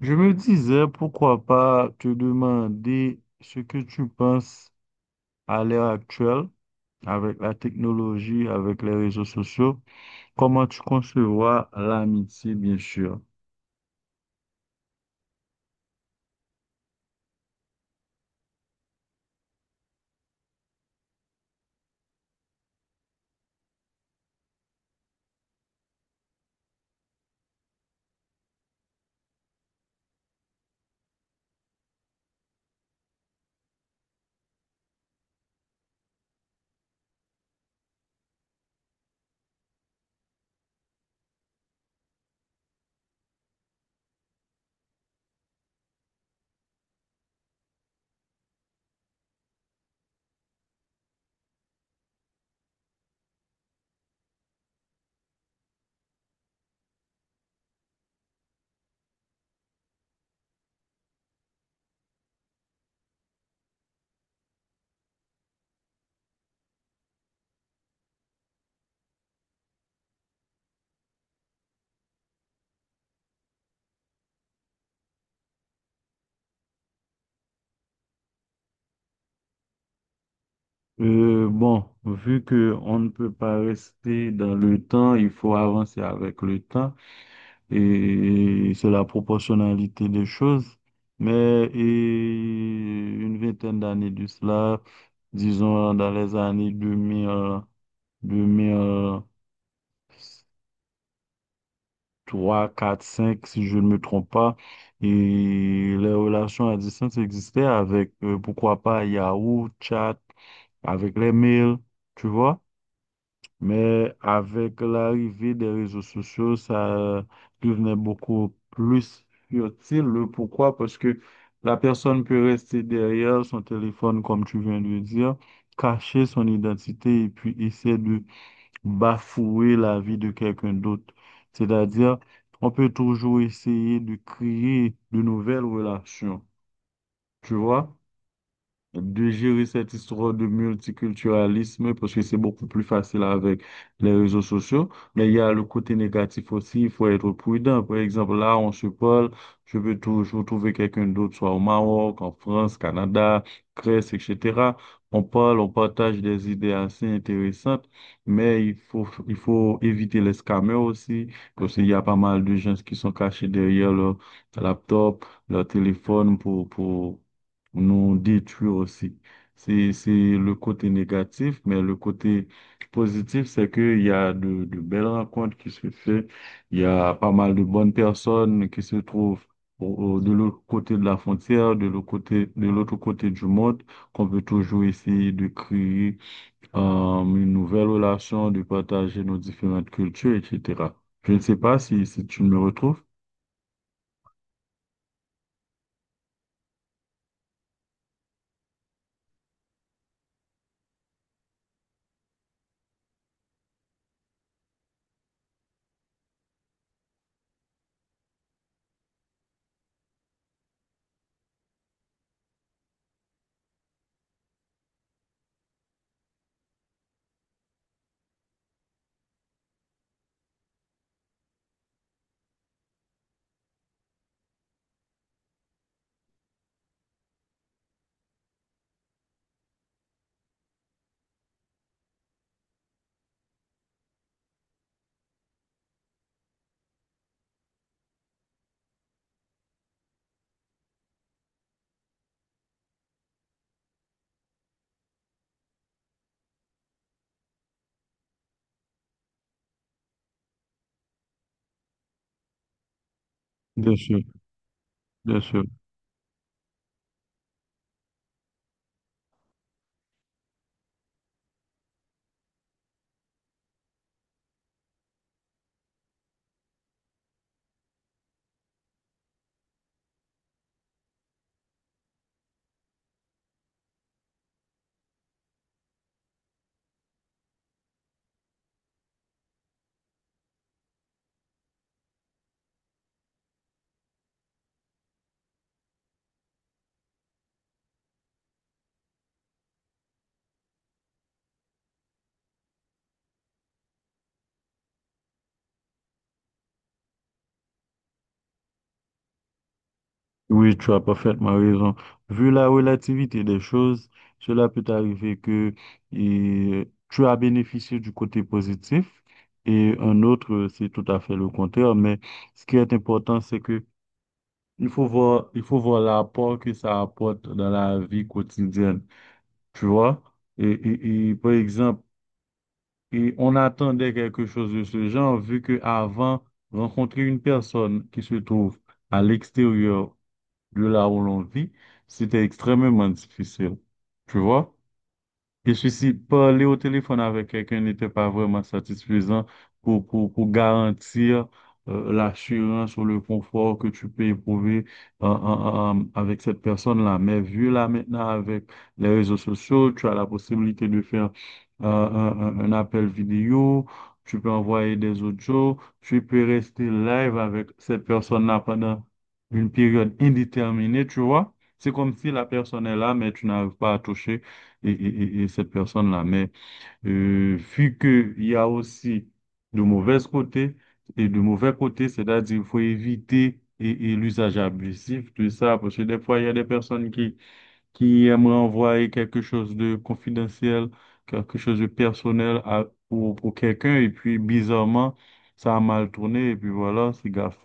Je me disais, pourquoi pas te demander ce que tu penses à l'ère actuelle avec la technologie, avec les réseaux sociaux, comment tu concevoir l'amitié, bien sûr. Bon, vu que on ne peut pas rester dans le temps, il faut avancer avec le temps et c'est la proportionnalité des choses. Mais et une vingtaine d'années de cela, disons dans les années 2000. Deux mille trois quatre cinq si je ne me trompe pas. Et les relations à distance existaient avec, pourquoi pas, Yahoo, Chat, avec les mails, tu vois. Mais avec l'arrivée des réseaux sociaux, ça devenait beaucoup plus futile. Le pourquoi? Parce que la personne peut rester derrière son téléphone, comme tu viens de le dire, cacher son identité et puis essayer de bafouer la vie de quelqu'un d'autre. C'est-à-dire, on peut toujours essayer de créer de nouvelles relations, tu vois? De gérer cette histoire de multiculturalisme parce que c'est beaucoup plus facile avec les réseaux sociaux. Mais il y a le côté négatif aussi, il faut être prudent. Par exemple, là, on se parle, je peux toujours trouver quelqu'un d'autre, soit au Maroc, en France, Canada, Grèce, etc. On parle, on partage des idées assez intéressantes, mais il faut éviter les scammers aussi, parce qu'il y a pas mal de gens qui sont cachés derrière leur laptop, leur téléphone nous détruire aussi. C'est le côté négatif, mais le côté positif, c'est qu'il y a de belles rencontres qui se font. Il y a pas mal de bonnes personnes qui se trouvent au- de l'autre côté de la frontière, de l'autre côté du monde, qu'on peut toujours essayer de créer euh, une nouvelle relation, de partager nos différentes cultures, etc. Je ne sais pas si tu me retrouves. Bien sûr. Bien sûr. Oui, tu as parfaitement raison. Vu la relativité des choses, cela peut arriver que et, tu as bénéficié du côté positif et un autre, c'est tout à fait le contraire. Mais ce qui est important, c'est que il faut voir l'apport que ça apporte dans la vie quotidienne. Tu vois? Par exemple, et on attendait quelque chose de ce genre, vu que avant, rencontrer une personne qui se trouve à l'extérieur de là où l'on vit, c'était extrêmement difficile. Tu vois? Je suis si parler au téléphone avec quelqu'un n'était pas vraiment satisfaisant pour garantir l'assurance ou le confort que tu peux éprouver avec cette personne-là. Mais vu là maintenant avec les réseaux sociaux, tu as la possibilité de faire un appel vidéo, tu peux envoyer des audios, tu peux rester live avec cette personne-là pendant une période indéterminée, tu vois. C'est comme si la personne est là, mais tu n'arrives pas à toucher et cette personne-là. Mais vu qu'il y a aussi de mauvais côtés et de mauvais côtés, c'est-à-dire il faut éviter et l'usage abusif de ça, parce que des fois, il y a des personnes qui aimeraient envoyer quelque chose de confidentiel, quelque chose de personnel pour quelqu'un, et puis bizarrement, ça a mal tourné, et puis voilà, c'est grave.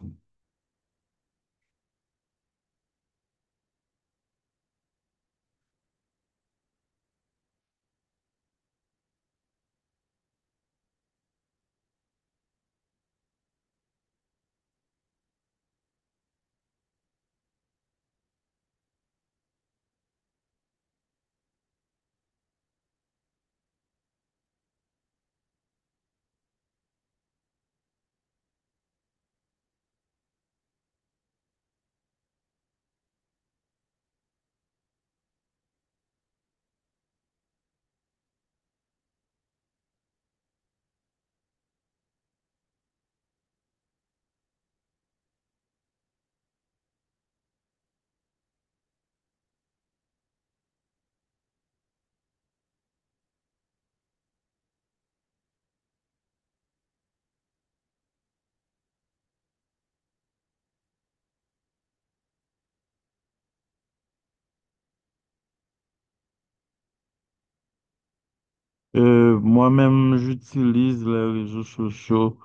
Moi-même, j'utilise les réseaux sociaux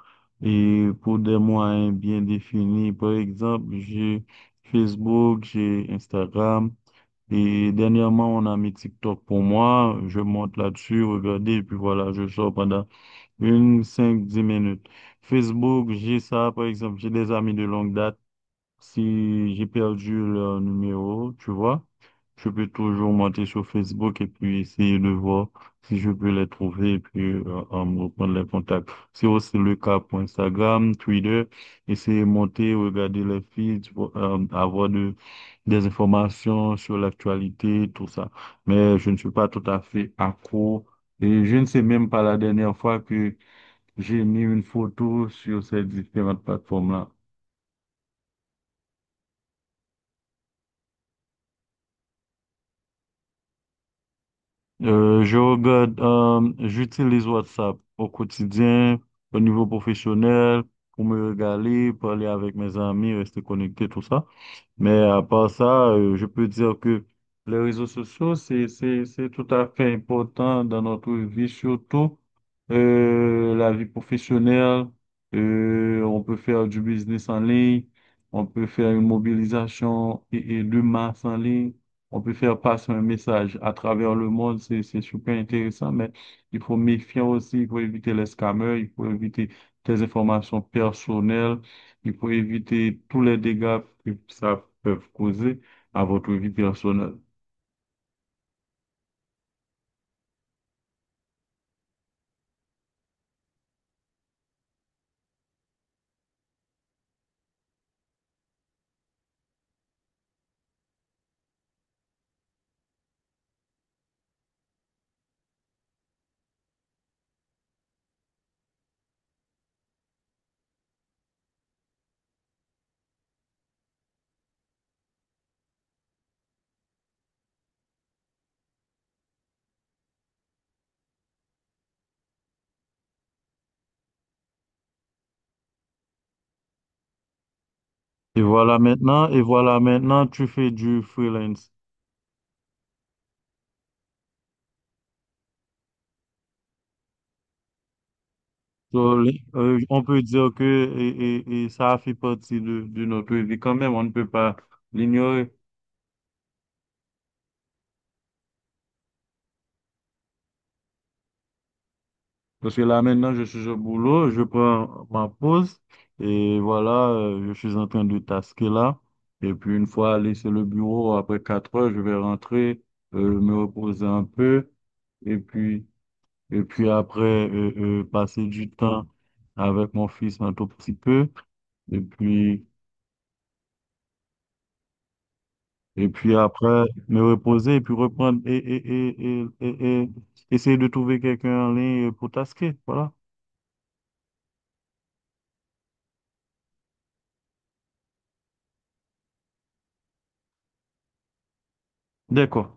et pour des moyens bien définis. Par exemple, j'ai Facebook, j'ai Instagram et dernièrement, on a mis TikTok pour moi. Je monte là-dessus, regardez, et puis voilà, je sors pendant une, 5, 10 minutes. Facebook, j'ai ça, par exemple, j'ai des amis de longue date. Si j'ai perdu le numéro, tu vois, je peux toujours monter sur Facebook et puis essayer de voir si je peux les trouver et puis me reprendre les contacts. C'est aussi le cas pour Instagram, Twitter, essayer de monter, regarder les feeds, avoir des informations sur l'actualité, tout ça. Mais je ne suis pas tout à fait accro et je ne sais même pas la dernière fois que j'ai mis une photo sur ces différentes plateformes-là. Je regarde, j'utilise WhatsApp au quotidien, au niveau professionnel, pour me régaler, parler avec mes amis, rester connecté, tout ça. Mais à part ça, je peux dire que les réseaux sociaux, c'est tout à fait important dans notre vie, surtout la vie professionnelle. On peut faire du business en ligne, on peut faire une mobilisation et de masse en ligne, on peut faire passer un message à travers le monde, c'est super intéressant, mais il faut méfier aussi, il faut éviter les scammers, il faut éviter des informations personnelles. Il faut éviter tous les dégâts que ça peut causer à votre vie personnelle. Et voilà maintenant, tu fais du freelance. So, on peut dire que et ça fait partie de notre vie quand même, on ne peut pas l'ignorer. Parce que là maintenant, je suis au boulot, je prends ma pause, et voilà, je suis en train de tasquer là. Et puis une fois laissé le bureau, après 4 heures, je vais rentrer, me reposer un peu, et puis Et puis après, passer du temps avec mon fils un tout petit peu. Et puis, et puis après, me reposer et puis reprendre et essayer de trouver quelqu'un en ligne pour tasquer. Voilà. D'accord.